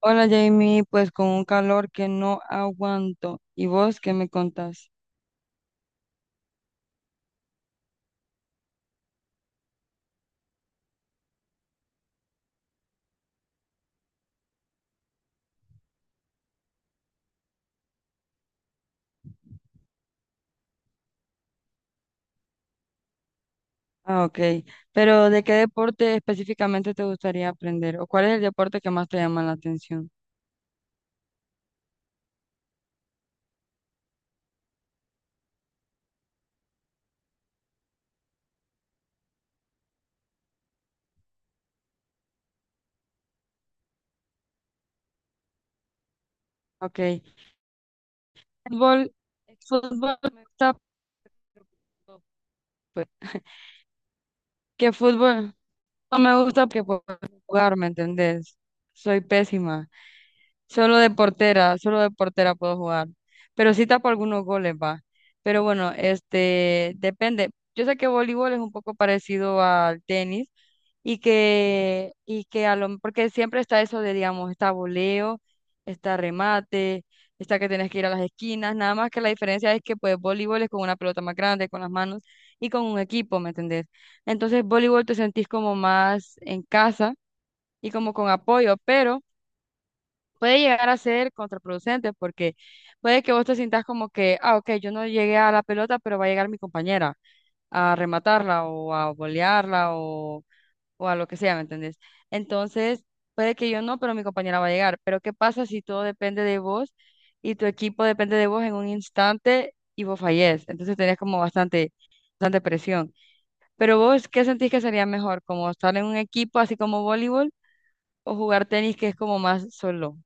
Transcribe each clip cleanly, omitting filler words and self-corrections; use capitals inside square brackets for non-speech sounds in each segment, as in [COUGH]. Hola Jamie, pues con un calor que no aguanto. ¿Y vos qué me contás? Ah, ok. Pero ¿de qué deporte específicamente te gustaría aprender? ¿O cuál es el deporte que más te llama la atención? Ok. Fútbol, fútbol me gusta, pero, pues, ¿qué fútbol? No me gusta porque puedo jugar, ¿me entendés? Soy pésima. Solo de portera puedo jugar. Pero sí tapo algunos goles, va. Pero bueno, depende. Yo sé que voleibol es un poco parecido al tenis y que porque siempre está eso de, digamos, está voleo, está remate, está que tienes que ir a las esquinas, nada más que la diferencia es que pues voleibol es con una pelota más grande, con las manos y con un equipo, ¿me entendés? Entonces voleibol te sentís como más en casa y como con apoyo, pero puede llegar a ser contraproducente porque puede que vos te sientas como que, ah, ok, yo no llegué a la pelota, pero va a llegar mi compañera a rematarla o a volearla o a lo que sea, ¿me entendés? Entonces, puede que yo no, pero mi compañera va a llegar. Pero ¿qué pasa si todo depende de vos y tu equipo depende de vos en un instante y vos fallés? Entonces tenés como bastante, bastante presión. Pero vos, ¿qué sentís que sería mejor? ¿Como estar en un equipo así como voleibol o jugar tenis que es como más solo?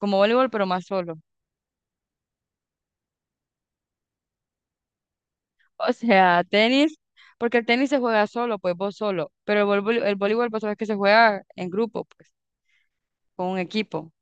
Como voleibol, pero más solo. O sea, tenis, porque el tenis se juega solo, pues vos solo, pero el voleibol vos sabés que se juega en grupo, pues, con un equipo.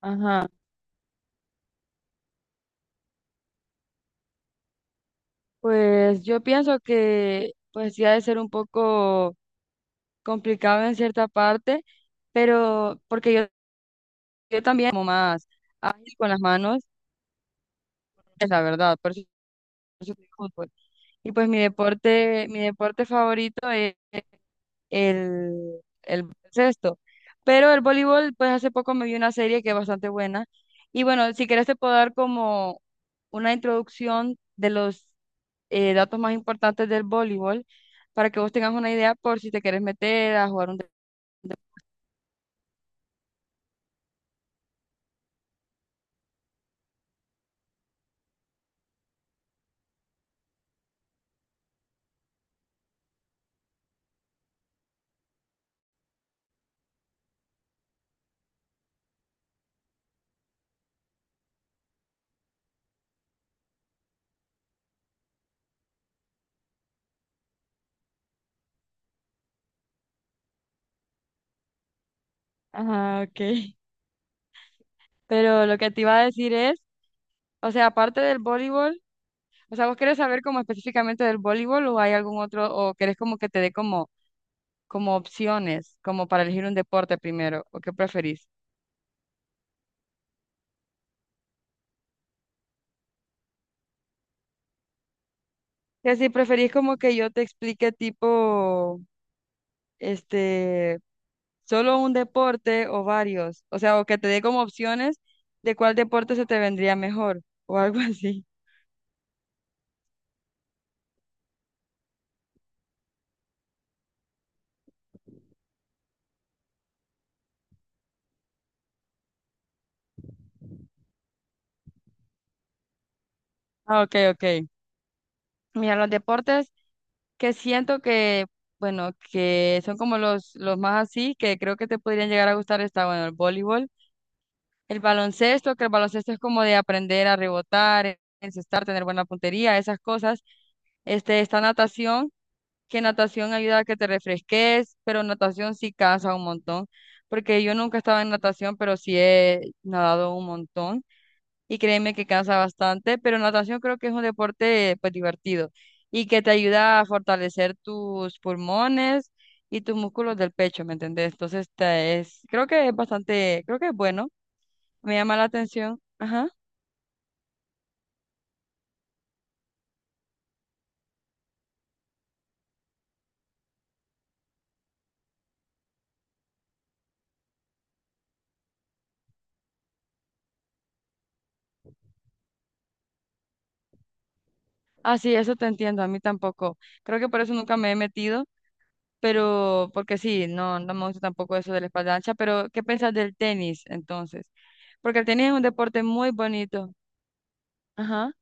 Ajá. Pues yo pienso que pues sí ha de ser un poco complicado en cierta parte, pero porque yo también como más ágil con las manos, es la verdad, por eso juego fútbol. Y pues mi deporte favorito es el baloncesto. Pero el voleibol, pues hace poco me vi una serie que es bastante buena. Y bueno, si quieres te puedo dar como una introducción de los datos más importantes del voleibol para que vos tengas una idea por si te quieres meter a jugar un deporte. Ajá, ok. [LAUGHS] Pero lo que te iba a decir es, o sea, aparte del voleibol, o sea, ¿vos querés saber como específicamente del voleibol o hay algún otro, o querés como que te dé como opciones, como para elegir un deporte primero, o qué preferís? Y así preferís como que yo te explique tipo, este, solo un deporte o varios, o sea, o que te dé como opciones de cuál deporte se te vendría mejor o algo [LAUGHS] así. Ah, ok, ok. Mira, los deportes que siento que, bueno, que son como los más así, que creo que te podrían llegar a gustar, está, bueno, el voleibol, el baloncesto, que el baloncesto es como de aprender a rebotar, encestar, tener buena puntería, esas cosas. Está natación que natación ayuda a que te refresques, pero natación sí cansa un montón, porque yo nunca estaba en natación, pero sí he nadado un montón y créeme que cansa bastante, pero natación creo que es un deporte pues divertido y que te ayuda a fortalecer tus pulmones y tus músculos del pecho, ¿me entendés? Entonces creo que es bueno, me llama la atención, ajá. Ah, sí, eso te entiendo, a mí tampoco. Creo que por eso nunca me he metido pero porque sí, no, no me gusta tampoco eso de la espalda ancha, pero ¿qué pensás del tenis entonces? Porque el tenis es un deporte muy bonito. Ajá.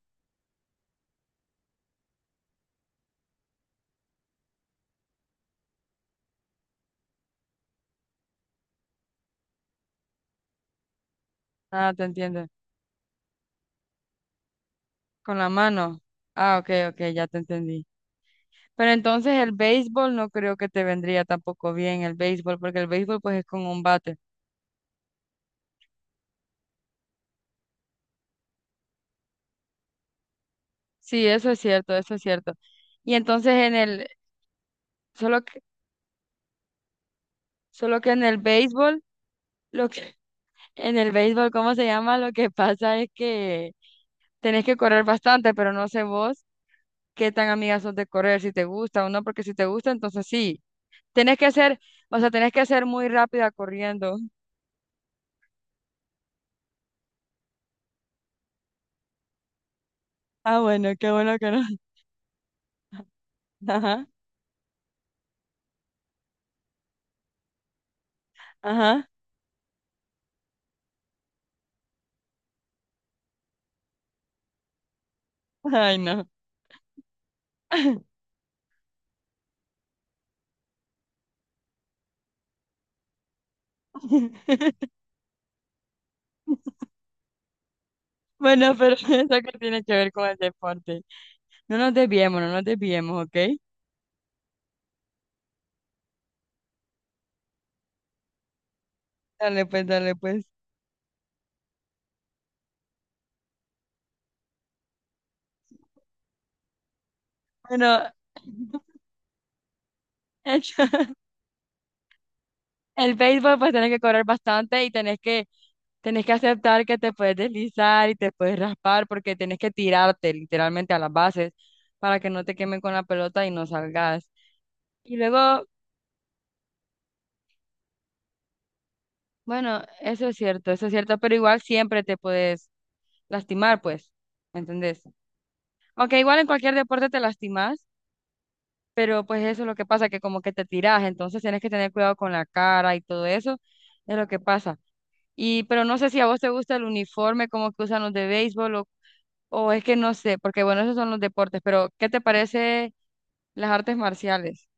Ah, te entiendo. Con la mano. Ah, ok, ok, ya te entendí. Pero entonces el béisbol no creo que te vendría tampoco bien el béisbol, porque el béisbol pues es con un bate. Sí, eso es cierto, eso es cierto. Y entonces solo que, solo que en el béisbol, lo que, [LAUGHS] en el béisbol, ¿cómo se llama? Lo que pasa es que tenés que correr bastante, pero no sé vos, qué tan amigas sos de correr, si te gusta o no, porque si te gusta, entonces sí, tenés que ser, o sea, tenés que ser muy rápida corriendo. Ah, bueno, qué bueno que no. [LAUGHS] Ajá, ajá, ay, no. [LAUGHS] Bueno, pero [LAUGHS] ¿eso que tiene que ver con el deporte? No nos desviemos, no nos desviemos, ¿ok? Dale pues, dale pues. Bueno, [LAUGHS] el béisbol pues tenés que correr bastante y tenés que aceptar que te puedes deslizar y te puedes raspar porque tenés que tirarte literalmente a las bases para que no te quemen con la pelota y no salgas. Y luego, bueno, eso es cierto, pero igual siempre te puedes lastimar, pues, ¿me entendés? Aunque igual en cualquier deporte te lastimas, pero pues eso es lo que pasa, que como que te tiras, entonces tienes que tener cuidado con la cara y todo eso, es lo que pasa. Pero no sé si a vos te gusta el uniforme como que usan los de béisbol O es que no sé, porque bueno, esos son los deportes, pero ¿qué te parece las artes marciales?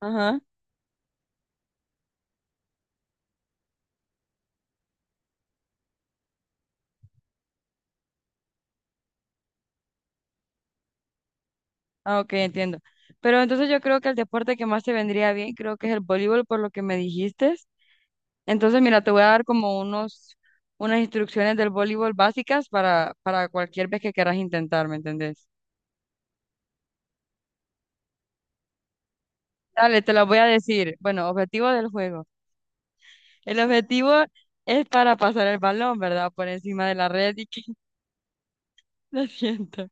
Ajá. Ah, ok, entiendo. Pero entonces yo creo que el deporte que más te vendría bien, creo que es el voleibol, por lo que me dijiste. Entonces, mira, te voy a dar como unas instrucciones del voleibol básicas para cualquier vez que quieras intentar, ¿me entendés? Dale, te las voy a decir. Bueno, objetivo del juego. El objetivo es para pasar el balón, ¿verdad? Por encima de la red y que [LAUGHS] lo siento.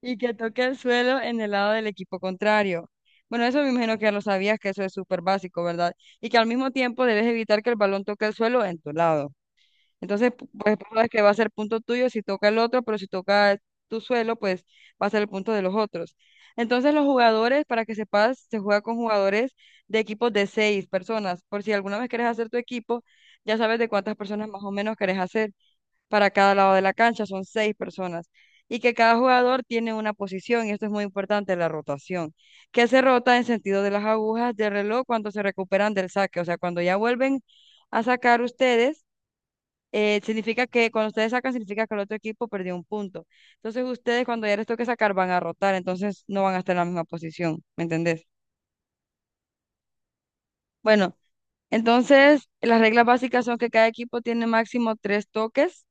Y que toque el suelo en el lado del equipo contrario. Bueno, eso me imagino que ya lo sabías, que eso es súper básico, ¿verdad? Y que al mismo tiempo debes evitar que el balón toque el suelo en tu lado. Entonces, pues tú sabes que va a ser punto tuyo si toca el otro, pero si toca tu suelo, pues va a ser el punto de los otros. Entonces, los jugadores, para que sepas, se juega con jugadores de equipos de seis personas. Por si alguna vez quieres hacer tu equipo, ya sabes de cuántas personas más o menos querés hacer para cada lado de la cancha, son seis personas, y que cada jugador tiene una posición, y esto es muy importante, la rotación, que se rota en sentido de las agujas del reloj cuando se recuperan del saque, o sea, cuando ya vuelven a sacar ustedes, significa que cuando ustedes sacan, significa que el otro equipo perdió un punto. Entonces ustedes cuando ya les toque sacar van a rotar, entonces no van a estar en la misma posición, ¿me entendés? Bueno, entonces las reglas básicas son que cada equipo tiene máximo tres toques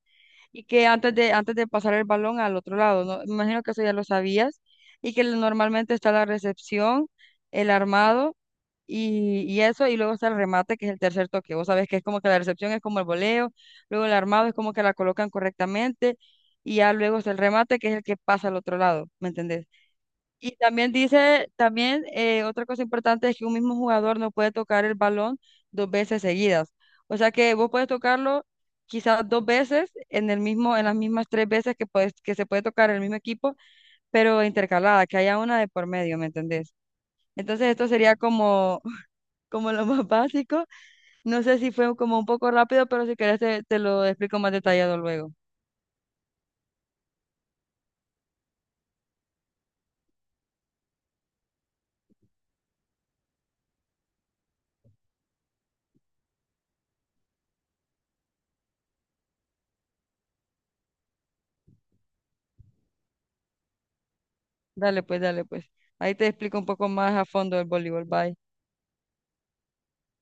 y que antes de pasar el balón al otro lado, ¿no? Me imagino que eso ya lo sabías, y que normalmente está la recepción, el armado y eso, y luego está el remate, que es el tercer toque. Vos sabés que es como que la recepción es como el voleo, luego el armado es como que la colocan correctamente, y ya luego está el remate, que es el que pasa al otro lado, ¿me entendés? Y también otra cosa importante es que un mismo jugador no puede tocar el balón dos veces seguidas. O sea que vos puedes tocarlo quizás dos veces en las mismas tres veces que que se puede tocar el mismo equipo, pero intercalada, que haya una de por medio, ¿me entendés? Entonces esto sería como, [LAUGHS] como lo más básico. No sé si fue como un poco rápido, pero si querés te lo explico más detallado luego. Dale pues, dale pues. Ahí te explico un poco más a fondo el voleibol. Bye.